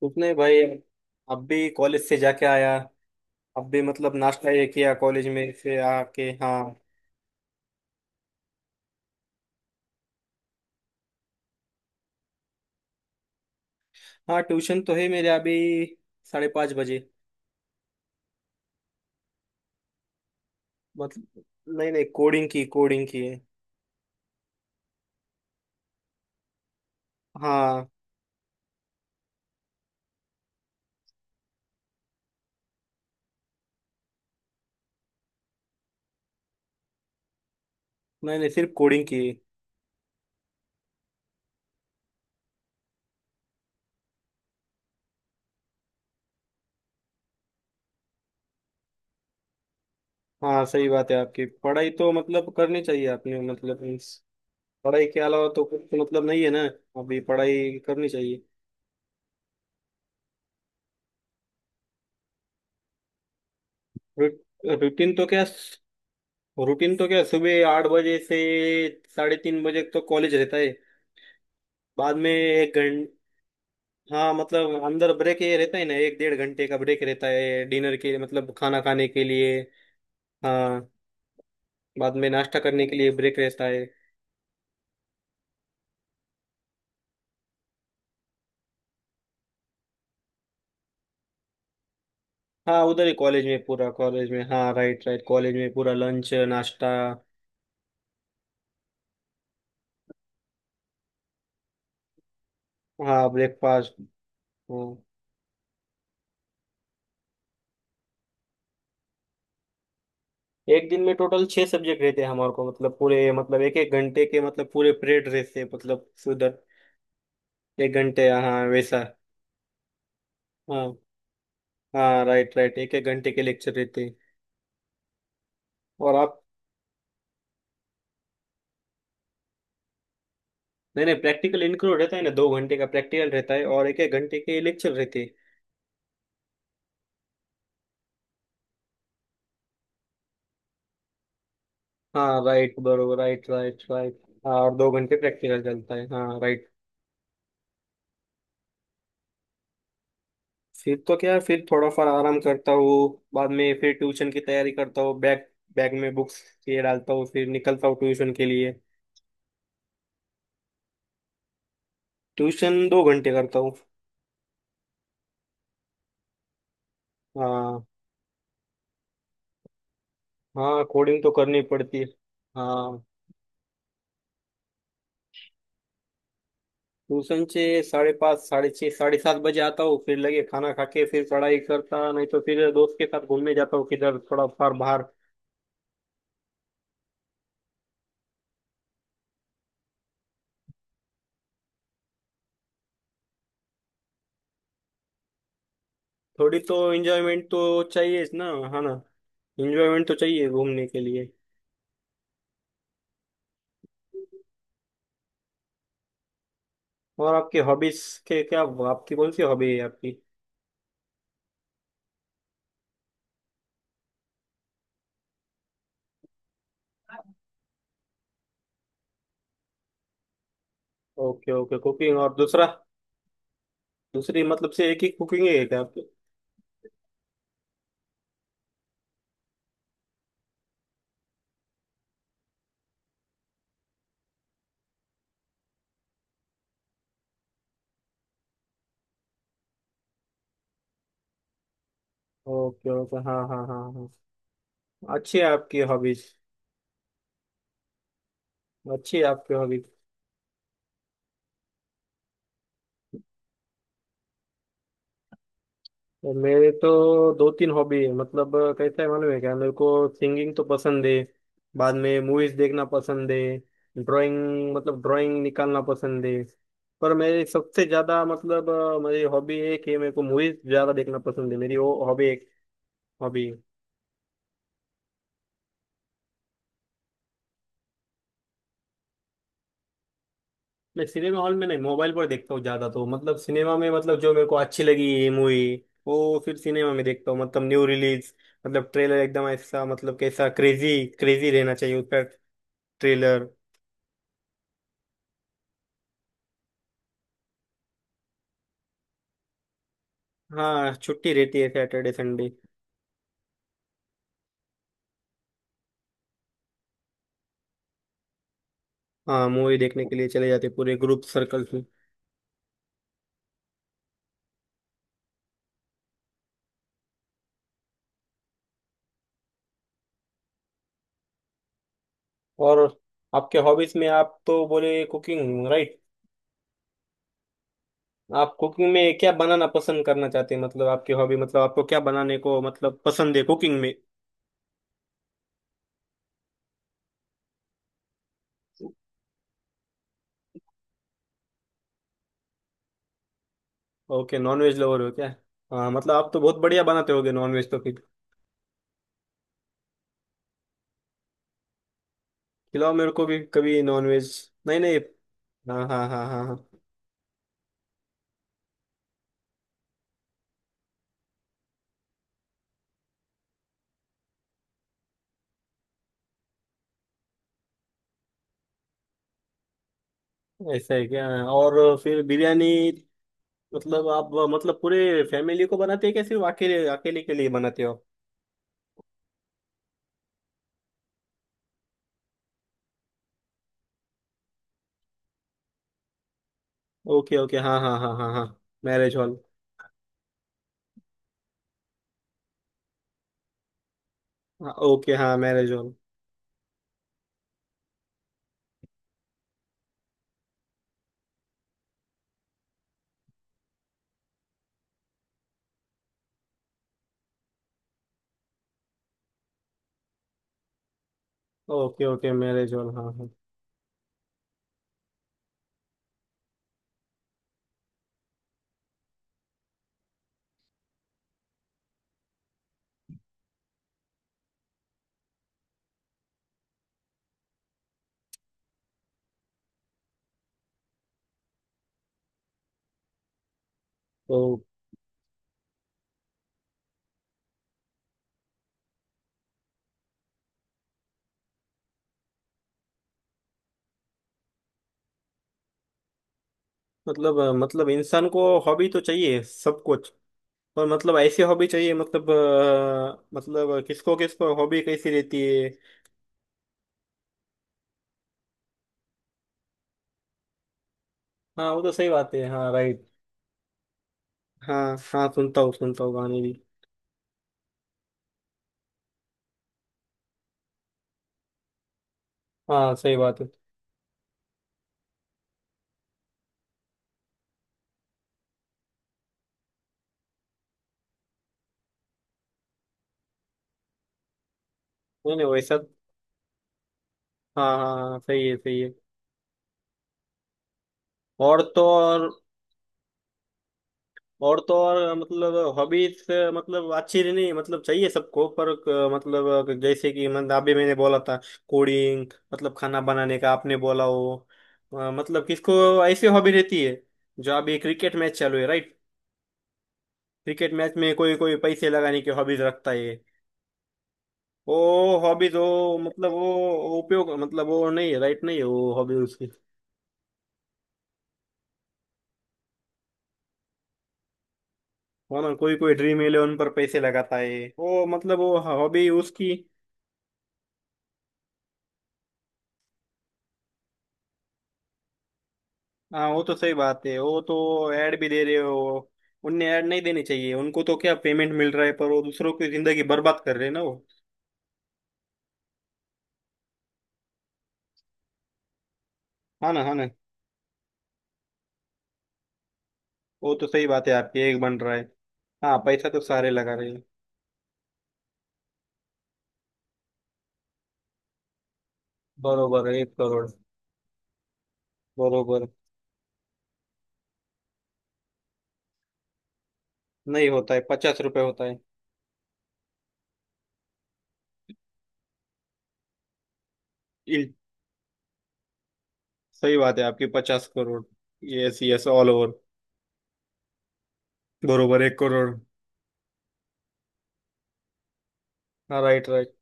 कुछ नहीं भाई। अब भी कॉलेज से जाके आया। अब भी मतलब नाश्ता ये किया कॉलेज में फिर आके हाँ। हाँ ट्यूशन तो है मेरे अभी 5:30 बजे। मतलब नहीं नहीं कोडिंग की है। हाँ। नहीं नहीं सिर्फ कोडिंग की है। हाँ सही बात है आपकी। पढ़ाई तो मतलब करनी चाहिए आपने मतलब means पढ़ाई के अलावा तो कुछ मतलब नहीं है ना। अभी पढ़ाई करनी चाहिए। रू- रूटीन तो क्या रूटीन तो क्या, सुबह 8 बजे से 3:30 बजे तक तो कॉलेज रहता है। बाद में 1 घंटा, हाँ मतलब अंदर ब्रेक ये रहता है ना, एक डेढ़ घंटे का ब्रेक रहता है डिनर के मतलब खाना खाने के लिए। हाँ बाद में नाश्ता करने के लिए ब्रेक रहता है। हाँ उधर ही कॉलेज में, पूरा कॉलेज में, हाँ राइट राइट, कॉलेज में पूरा लंच नाश्ता। हाँ ब्रेकफास्ट। हाँ। एक दिन में टोटल 6 सब्जेक्ट रहते हैं हमारे को, मतलब पूरे मतलब एक एक घंटे के मतलब पूरे पीरियड रहते हैं मतलब उधर। एक घंटे हाँ वैसा। हाँ। हाँ राइट राइट, एक एक घंटे के लेक्चर रहते हैं। और आप। नहीं नहीं प्रैक्टिकल इंक्लूड रहता है ना, 2 घंटे का प्रैक्टिकल रहता है और एक एक घंटे के लेक्चर रहते हैं। हाँ राइट बरोबर राइट राइट राइट। हाँ और 2 घंटे प्रैक्टिकल चलता है हाँ राइट। फिर तो क्या, फिर थोड़ा फार आराम करता हूँ। बाद में फिर ट्यूशन की तैयारी करता हूँ, बैग, बैग में बुक्स ये डालता हूँ, फिर निकलता हूँ ट्यूशन के लिए। ट्यूशन 2 घंटे करता हूँ। हाँ। हाँ कोडिंग तो करनी पड़ती है। हाँ। ट्यूशन से 5:30, 6:30, 7:30 बजे आता हूँ, फिर लगे खाना खा के फिर पढ़ाई करता, नहीं तो फिर दोस्त के साथ घूमने जाता हूँ किधर थोड़ा फार बाहर। थोड़ी तो एंजॉयमेंट तो चाहिए ना हाँ ना। एंजॉयमेंट तो चाहिए घूमने के लिए। और आपकी हॉबीज के क्या, आपकी कौन सी हॉबी है आपकी? ओके ओके, कुकिंग और दूसरा? दूसरी मतलब से एक ही कुकिंग है क्या आपकी? ओके ओके हाँ हाँ हाँ हाँ। अच्छी है आपकी हॉबीज। अच्छी है आपकी हॉबीज। और मेरे तो दो तीन हॉबी है मतलब, कैसा है मालूम है क्या मेरे को, सिंगिंग तो पसंद है। बाद में मूवीज देखना पसंद है। ड्राइंग मतलब ड्राइंग निकालना पसंद है। पर मेरी सबसे ज्यादा मतलब मेरी हॉबी एक है, मेरे को मूवीज ज्यादा देखना पसंद है, मेरी वो हॉबी एक हॉबी है। मैं सिनेमा हॉल में नहीं, मोबाइल पर देखता हूँ ज्यादा, तो मतलब सिनेमा में मतलब जो मेरे को अच्छी लगी मूवी वो फिर सिनेमा में देखता हूँ, मतलब न्यू रिलीज। मतलब ट्रेलर एकदम ऐसा मतलब कैसा क्रेजी क्रेजी रहना चाहिए उसका ट्रेलर। हाँ छुट्टी रहती है सैटरडे संडे। हाँ मूवी देखने के लिए चले जाते, पूरे ग्रुप सर्कल में। और आपके हॉबीज में आप तो बोले कुकिंग राइट। आप कुकिंग में क्या बनाना पसंद करना चाहते हैं, मतलब आपकी हॉबी मतलब आपको क्या बनाने को मतलब पसंद है कुकिंग में? ओके नॉनवेज लवर हो क्या? हाँ मतलब आप तो बहुत बढ़िया बनाते होगे नॉनवेज तो फिर। खिलाओ मेरे को भी कभी नॉनवेज। नहीं नहीं। हाँ हाँ हाँ हाँ हाँ। ऐसा है क्या, और फिर बिरयानी। मतलब आप मतलब पूरे फैमिली को बनाते हैं क्या, सिर्फ अकेले अकेले के लिए बनाते हो? ओके ओके हाँ हाँ हाँ हाँ हाँ। Marriage hall. हाँ ओके, हाँ marriage hall. Okay okay, marriage hall हाँ हाँ। तो मतलब मतलब इंसान को हॉबी तो चाहिए सब कुछ, पर मतलब ऐसी हॉबी चाहिए मतलब मतलब किसको किसको हॉबी कैसी रहती है। हाँ वो तो सही बात है, हाँ राइट। हाँ हाँ सुनता हूँ गाने भी। हाँ सही बात है। नहीं नहीं वैसा। हाँ हाँ हाँ, सही है सही है। और तो और तो और मतलब हॉबीज, मतलब अच्छी नहीं मतलब चाहिए सबको पर मतलब जैसे कि मतलब अभी मैंने बोला था कोडिंग, मतलब खाना बनाने का आपने बोला हो। मतलब किसको ऐसी हॉबी रहती है, जो अभी क्रिकेट मैच चालू है राइट, क्रिकेट मैच में कोई कोई पैसे लगाने की हॉबीज रखता है वो। हॉबीज वो मतलब वो उपयोग मतलब वो नहीं है राइट, नहीं है वो हॉबी उसकी। है ना, कोई कोई ड्रीम इलेवन पर पैसे लगाता है, वो मतलब वो हॉबी उसकी। हाँ वो तो सही बात है वो तो। ऐड भी दे रहे हो। उनने ऐड नहीं देनी चाहिए, उनको तो क्या पेमेंट मिल रहा है, पर वो दूसरों की जिंदगी बर्बाद कर रहे हैं ना वो। हाँ ना हाँ ना। वो तो सही बात है आपकी, एक बन रहा है। हाँ पैसा तो सारे लगा रहे हैं। बरोबर है, 1 करोड़। बरोबर। नहीं होता है, 50 रुपए होता है। इन- सही बात है आपकी, 50 crore. Yes yes all over. बरोबर, 1 करोड़। हाँ राइट राइट।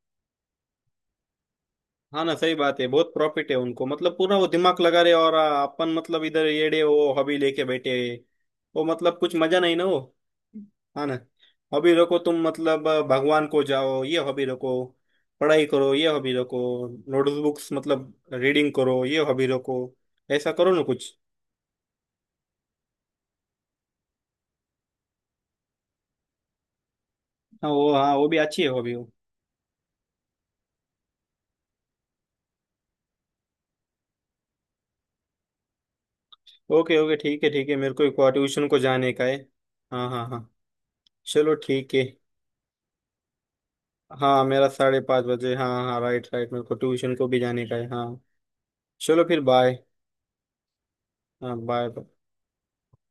हाँ ना सही बात है, बहुत प्रॉफिट है उनको, मतलब पूरा वो दिमाग लगा रहे और अपन मतलब इधर येड़े वो हॉबी लेके बैठे हैं। वो मतलब कुछ मजा नहीं ना वो। हाँ ना। हॉबी रखो तुम, मतलब भगवान को जाओ ये हॉबी रखो। पढ़ाई करो ये हॉबी रखो। नोटबुक्स मतलब रीडिंग करो ये हॉबी रखो। ऐसा करो ना कुछ। हाँ वो, हाँ वो भी अच्छी है हॉबी वो। ओके ओके ठीक है ठीक है, मेरे को एक ट्यूशन को जाने का है। हाँ हाँ हाँ। चलो ठीक है। हाँ मेरा साढ़े पाँच बजे, हाँ हाँ राइट राइट, मेरे को ट्यूशन को भी जाने का है हाँ। चलो फिर बाय। हाँ बाय।